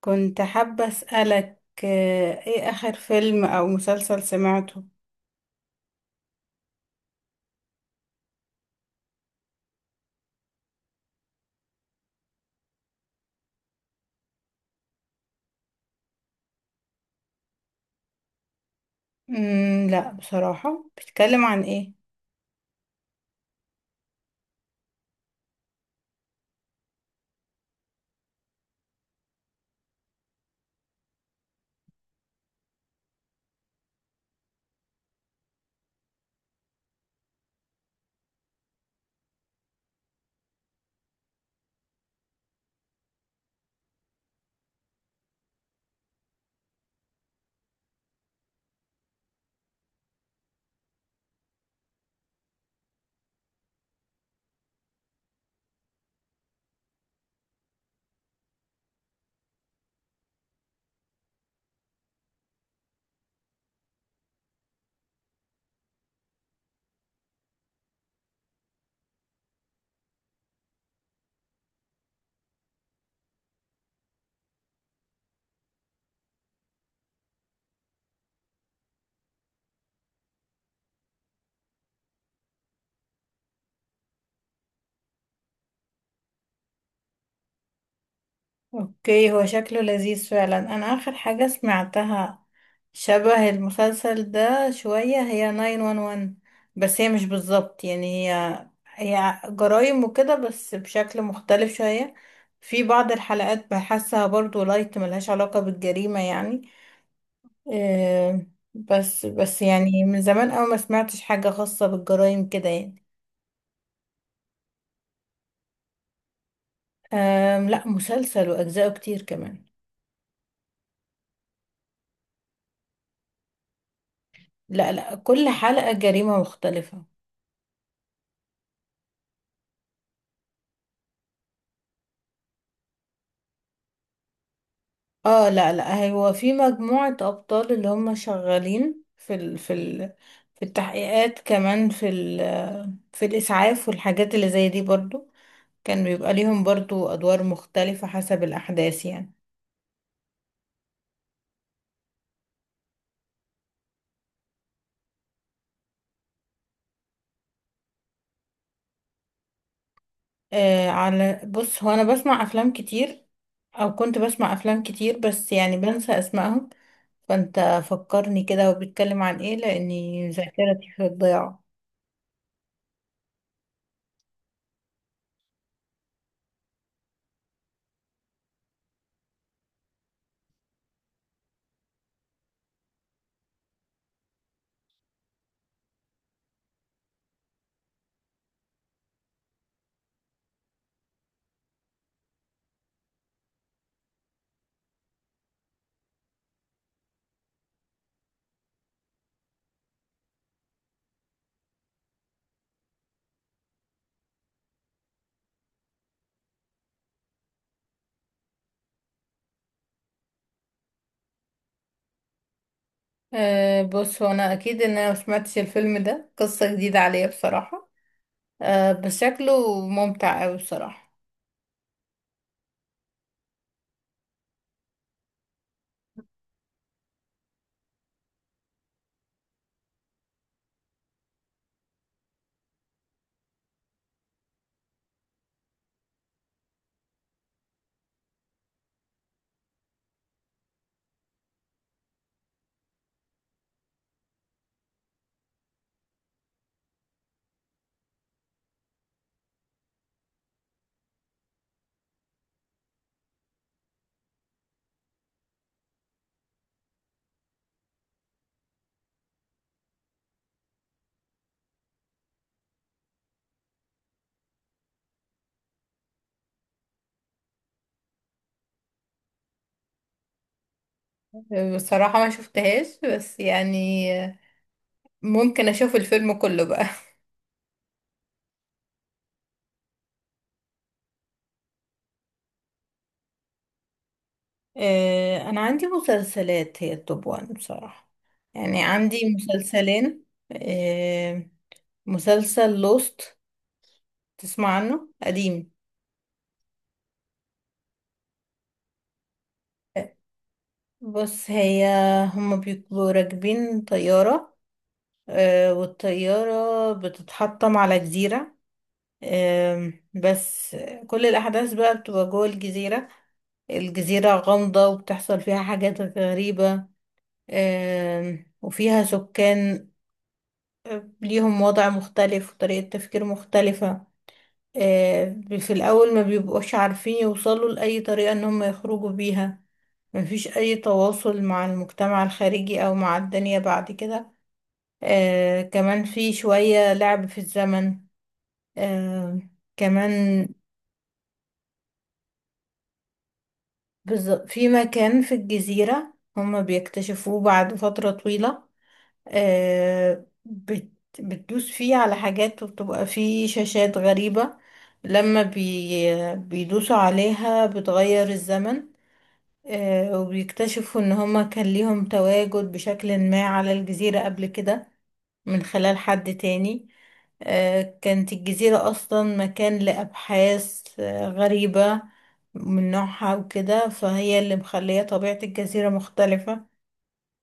كنت حابة أسألك ايه آخر فيلم أو مسلسل سمعته؟ لا بصراحة بيتكلم عن ايه؟ اوكي هو شكله لذيذ فعلا. أنا آخر حاجة سمعتها شبه المسلسل ده شوية هي 911، بس هي مش بالظبط يعني هي جرايم وكده بس بشكل مختلف شوية. في بعض الحلقات بحسها برضو لايت ملهاش علاقة بالجريمة يعني. آه، بس يعني من زمان أوي ما سمعتش حاجة خاصة بالجرائم كده يعني. لا مسلسل وأجزاءه كتير كمان. لا لا كل حلقة جريمة مختلفة. اه لا لا هو في مجموعة أبطال اللي هم شغالين في ال في التحقيقات كمان في الإسعاف والحاجات اللي زي دي برضو. كان بيبقى ليهم برضو أدوار مختلفة حسب الأحداث يعني. على بص، هو انا بسمع افلام كتير، او كنت بسمع افلام كتير بس يعني بنسى اسمائهم. فانت فكرني كده، وبيتكلم عن ايه لاني ذاكرتي في الضياع. بص، هو انا اكيد ان انا مسمعتش الفيلم ده، قصة جديدة عليا بصراحة. بس شكله ممتع اوي بصراحة. بصراحة ما شفتهاش بس يعني ممكن اشوف الفيلم كله بقى. أنا عندي مسلسلات هي التوب وان بصراحة، يعني عندي مسلسلين. آه، مسلسل لوست، تسمع عنه قديم. بص، هي هما بيبقوا راكبين طيارة، والطيارة بتتحطم على جزيرة. آم، بس كل الأحداث بقى بتبقى جوه الجزيرة. الجزيرة غامضة وبتحصل فيها حاجات غريبة. وفيها سكان ليهم وضع مختلف وطريقة تفكير مختلفة. في الأول ما بيبقوش عارفين يوصلوا لأي طريقة إن هم يخرجوا بيها. مفيش أي تواصل مع المجتمع الخارجي أو مع الدنيا بعد كده. كمان في شوية لعب في الزمن. آه، كمان في مكان في الجزيرة هم بيكتشفوه بعد فترة طويلة. آه، بت بتدوس فيه على حاجات، وبتبقى فيه شاشات غريبة لما بيدوسوا عليها بتغير الزمن. وبيكتشفوا ان هما كان ليهم تواجد بشكل ما على الجزيرة قبل كده من خلال حد تاني. كانت الجزيرة أصلا مكان لأبحاث غريبة من نوعها وكده، فهي اللي مخلية طبيعة الجزيرة مختلفة.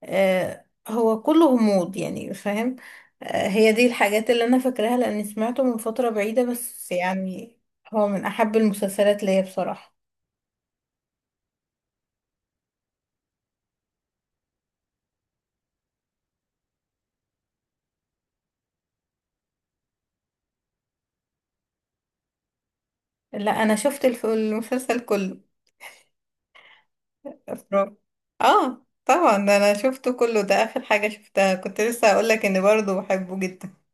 هو كله غموض يعني، فاهم. هي دي الحاجات اللي انا فاكراها لاني سمعته من فترة بعيدة، بس يعني هو من احب المسلسلات ليا بصراحة. لا، انا شفت المسلسل كله. افراد. اه طبعا، ده انا شفته كله، ده اخر حاجة شفتها، كنت لسه هقول لك اني برضه بحبه جدا.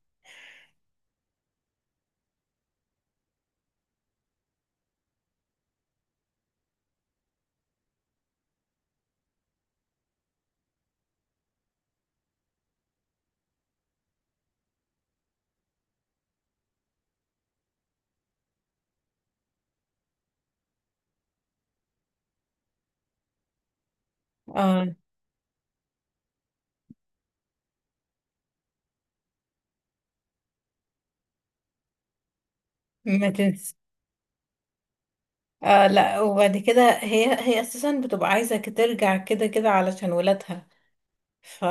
اه، ما تنسى. آه لا، وبعد كده هي اساسا بتبقى عايزة ترجع كده كده علشان ولادها، ف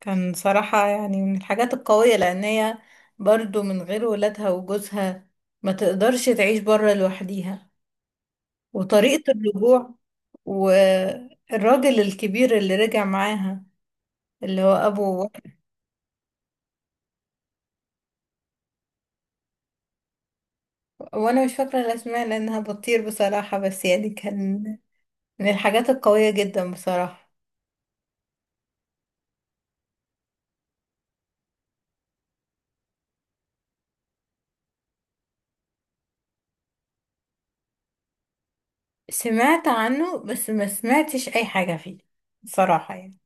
كان صراحة يعني من الحاجات القوية، لأن هي برضو من غير ولادها وجوزها ما تقدرش تعيش برا لوحديها. وطريقة الرجوع، والراجل الكبير اللي رجع معاها اللي هو أبو. وأنا مش فاكرة الأسماء لأنها بطير بصراحة، بس يعني كان من الحاجات القوية جدا بصراحة. سمعت عنه بس ما سمعتش أي حاجة فيه بصراحة يعني.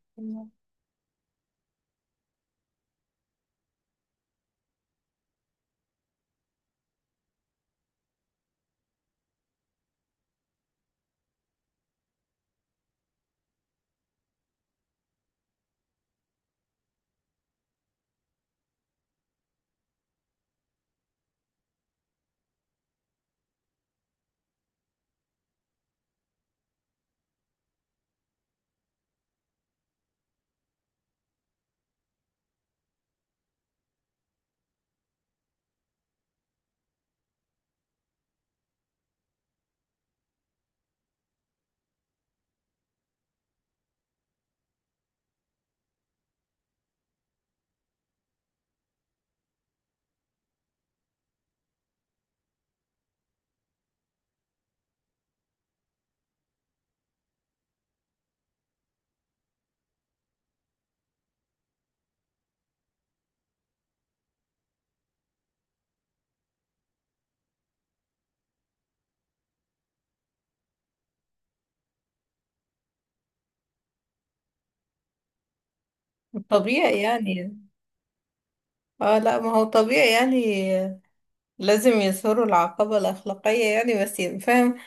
طبيعي يعني. اه لا، ما هو طبيعي يعني، لازم يظهروا العقبة الأخلاقية يعني. بس فاهم،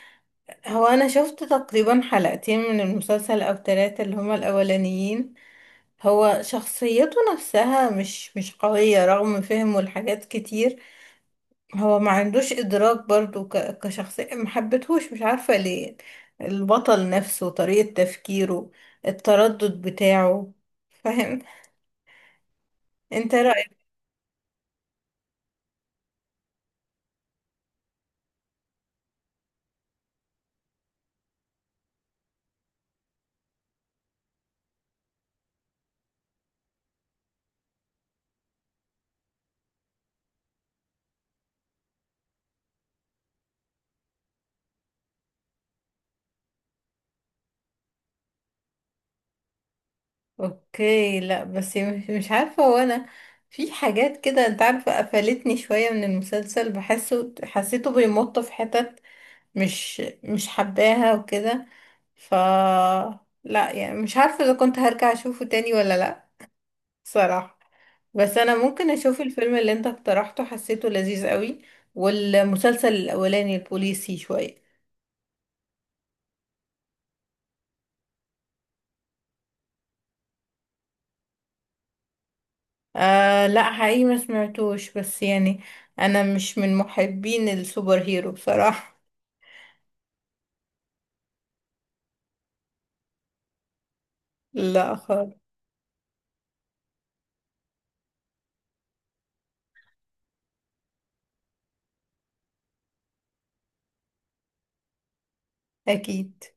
هو أنا شفت تقريبا حلقتين من المسلسل أو تلاتة اللي هما الأولانيين. هو شخصيته نفسها مش قوية رغم فهمه لحاجات كتير. هو ما عندوش إدراك برضو كشخصية، ما حبيتهوش، مش عارفة ليه. البطل نفسه، طريقة تفكيره، التردد بتاعه، فاهم. انت رأيك؟ اوكي، لا بس مش عارفة. هو انا في حاجات كده، انت عارفة، قفلتني شوية من المسلسل، بحسه، حسيته بيمط في حتت مش حباها وكده، ف لا، يعني مش عارفة اذا كنت هرجع اشوفه تاني ولا لا، صراحة. بس انا ممكن اشوف الفيلم اللي انت اقترحته، حسيته لذيذ قوي، والمسلسل الاولاني البوليسي شوية. آه لا، حقيقي ما سمعتوش، بس يعني انا مش من محبين السوبر هيرو بصراحة. لا خالص. اكيد.